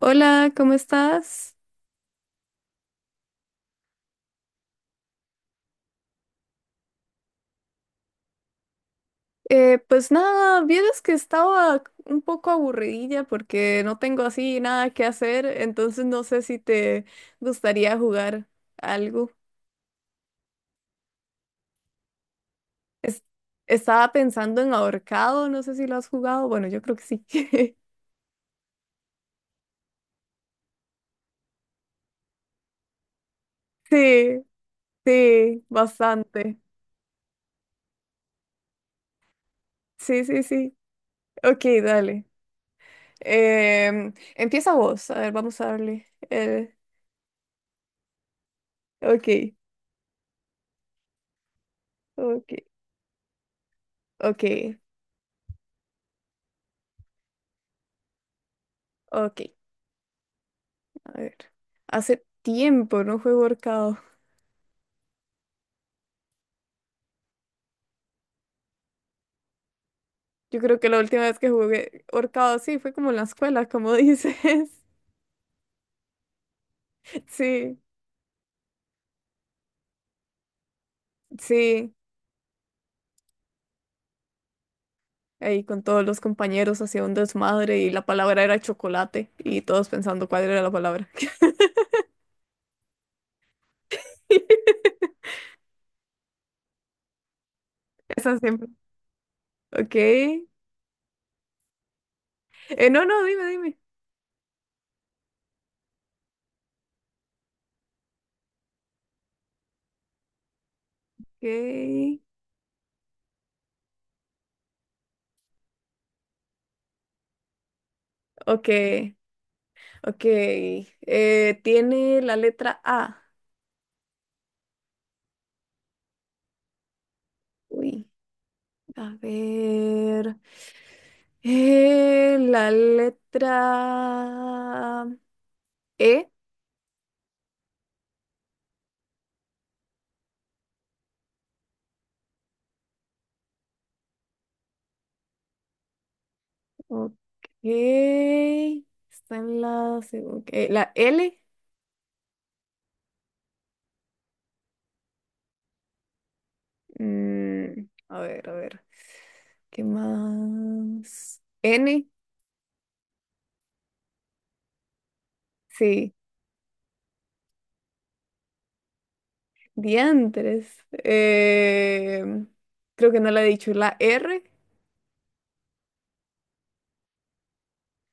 Hola, ¿cómo estás? Pues nada, vieras que estaba un poco aburridilla porque no tengo así nada que hacer, entonces no sé si te gustaría jugar algo. Es- Estaba pensando en ahorcado, no sé si lo has jugado, bueno, yo creo que sí. Sí, sí, bastante. Sí, sí, sí. Ok, dale. Empieza vos, a ver, vamos a darle. Ok, ok, ok, ok. A ver, hace tiempo no juego ahorcado. Yo creo que la última vez que jugué ahorcado, sí, fue como en la escuela, como dices. Sí, sí. Ahí con todos los compañeros hacía un desmadre y la palabra era chocolate y todos pensando cuál era la palabra. Esa siempre. Ok. No, no, dime, dime. Ok. Ok. Ok. Tiene la letra A. Uy. A ver. La letra E. Ok. Está en la, la L. Mm, a ver, a ver. ¿Qué más? N. Sí. Diantres. Creo que no la he dicho. La R.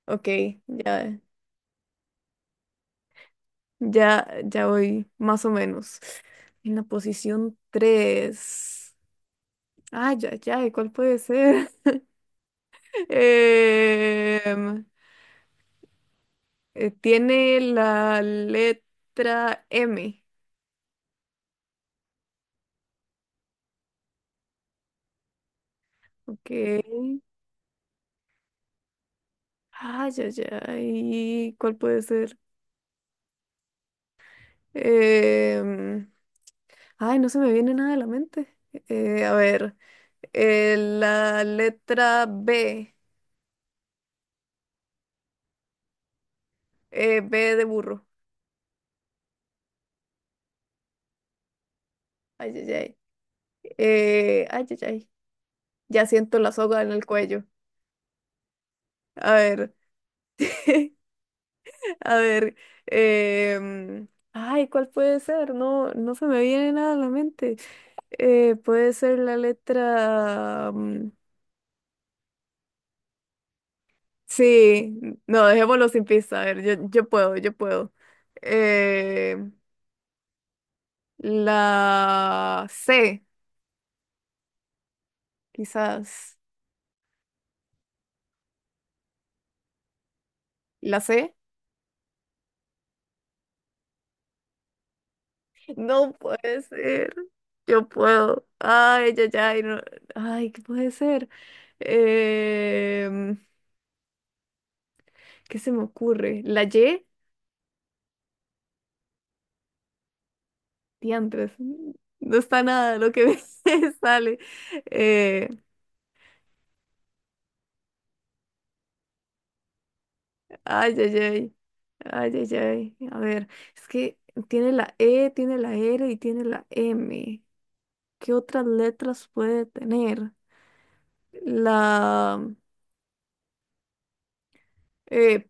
Ok. Ya, ya, ya voy más o menos. En la posición tres. Ay, ya, ya, ¿cuál puede ser? Em, Tiene la letra M. Ok. Ay, ya, ya, ¿y cuál puede ser? Em, Ay, no se me viene nada a la mente. A ver, la letra B. B de burro. Ay, ay, ay. Ay, ay, ay. Ya siento la soga en el cuello. A ver. A ver, ay, ¿cuál puede ser? No, no se me viene nada a la mente. Puede ser la letra... sí, no, dejémoslo sin pista. A ver, yo puedo, yo puedo. Eh, la C, quizás. ¿La C? No puede ser. Yo puedo. Ay, ya, ya. Ay, ¿qué puede ser? Em, ¿Qué se me ocurre? ¿La Y? Diantres, no está nada lo que me sale. Eh, Ay, ay, ay. Ay, ay, ay. A ver, es que tiene la E, tiene la R y tiene la M. ¿Qué otras letras puede tener? La eh,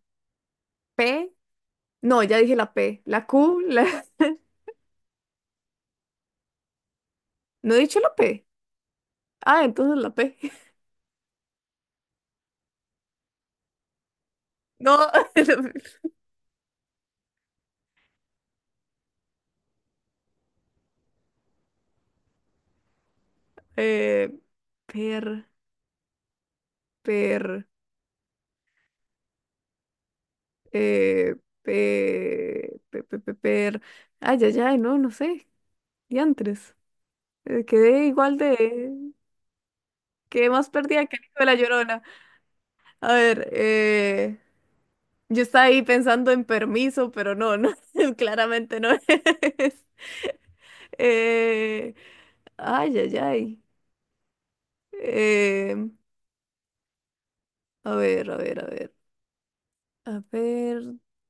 P. No, ya dije la P. La Q. La... No he dicho la P. Ah, entonces la P. No. la P. Eh, Per, per. Eh, pe, pe, pe, pe- per- Ay, ay, ay, no, no sé. Diantres. Quedé igual de... Quedé más perdida que el hijo de la Llorona. A ver, Yo estaba ahí pensando en permiso, pero no, no, claramente no es. Eh, Ay, ay, ay. Eh, a ver, a ver, a ver. A ver.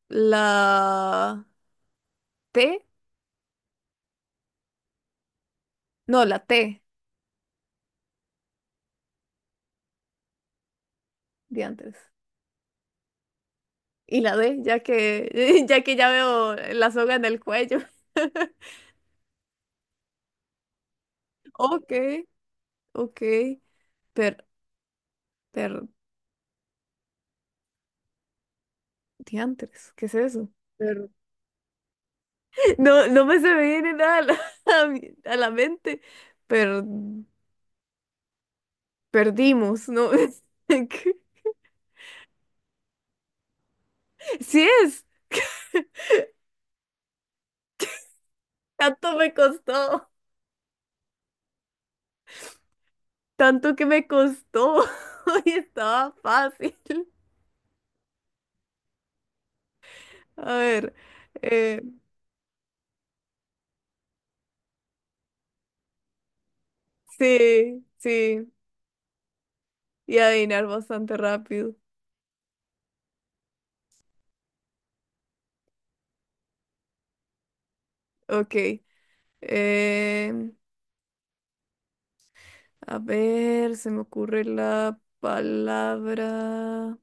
La T. No, la T de antes. Y la D, ya que, ya que ya veo la soga en el cuello. Ok, ok. Per, per, diantres, ¿qué es eso? Per- No, no me se me viene nada a la, a la mente. Per, Perdimos, ¿no? ¿Qué? Sí es. Tanto me costó. Tanto que me costó. Y estaba fácil. A ver. eh, sí, sí. Y adivinar bastante rápido. Ok. eh a ver, se me ocurre la palabra.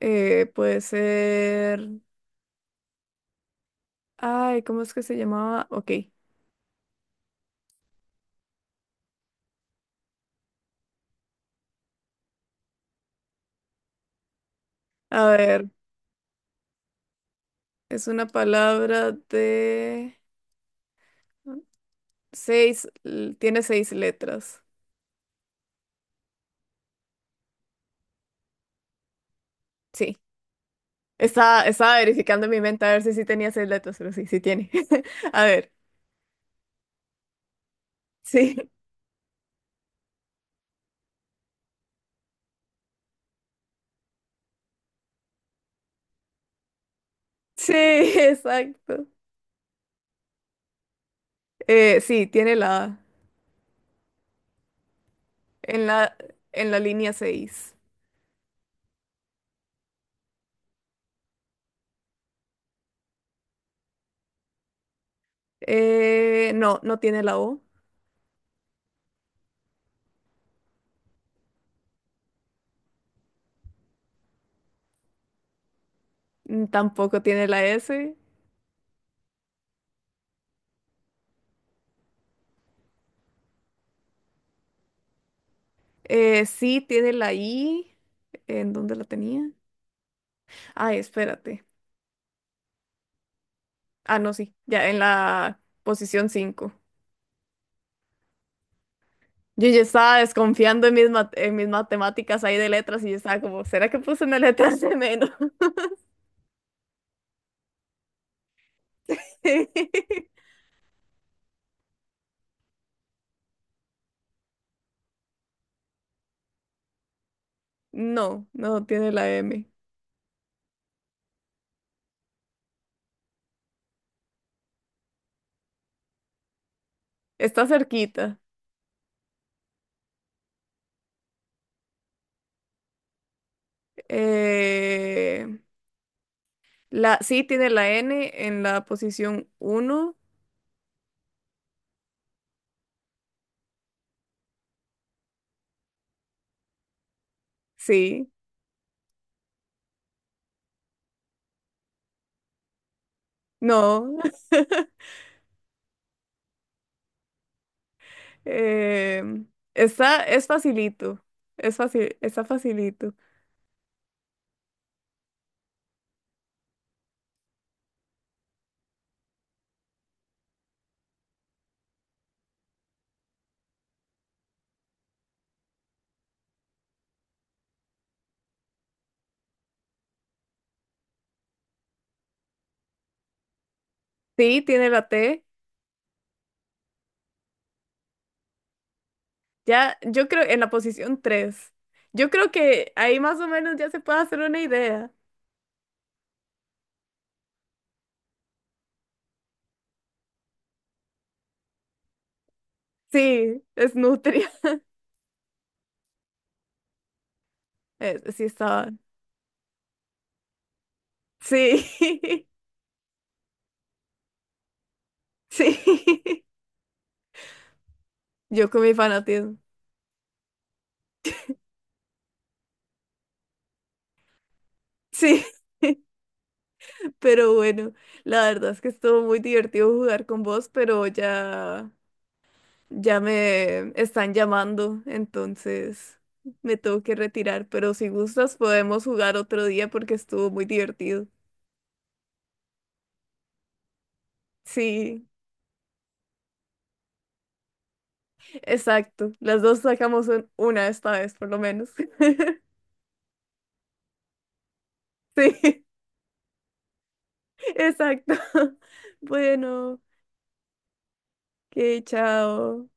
Puede ser. Ay, ¿cómo es que se llamaba? Ok. A ver, es una palabra de tiene seis letras. Sí. Estaba, estaba verificando en mi mente a ver si sí tenía seis letras, pero sí, sí tiene. A ver, sí. Sí, exacto. Sí, tiene la A en la, en la línea seis. No, no tiene la O, mm, tampoco tiene la S. Sí tiene la I. ¿En dónde la tenía? Ay, espérate. Ah, no, sí, ya en la posición 5. Yo ya estaba desconfiando en mis, en mis matemáticas ahí de letras y yo estaba como, ¿será que puse una letra de menos? Sí. No, no tiene la M. Está cerquita. Eh, sí tiene la N en la posición uno. Sí. No. Em, Está, es facilito. Es fácil, está facilito. Sí, tiene la T. Ya, yo creo, en la posición tres. Yo creo que ahí más o menos ya se puede hacer una idea. Sí, es nutria. Sí, estaba. Sí, sí. Yo con mi fanatismo. Sí, pero bueno, la verdad es que estuvo muy divertido jugar con vos, pero ya. Ya me están llamando, entonces me tengo que retirar, pero si gustas podemos jugar otro día porque estuvo muy divertido. Sí, exacto. Las dos sacamos una esta vez, por lo menos. Sí, exacto. Bueno, que chao.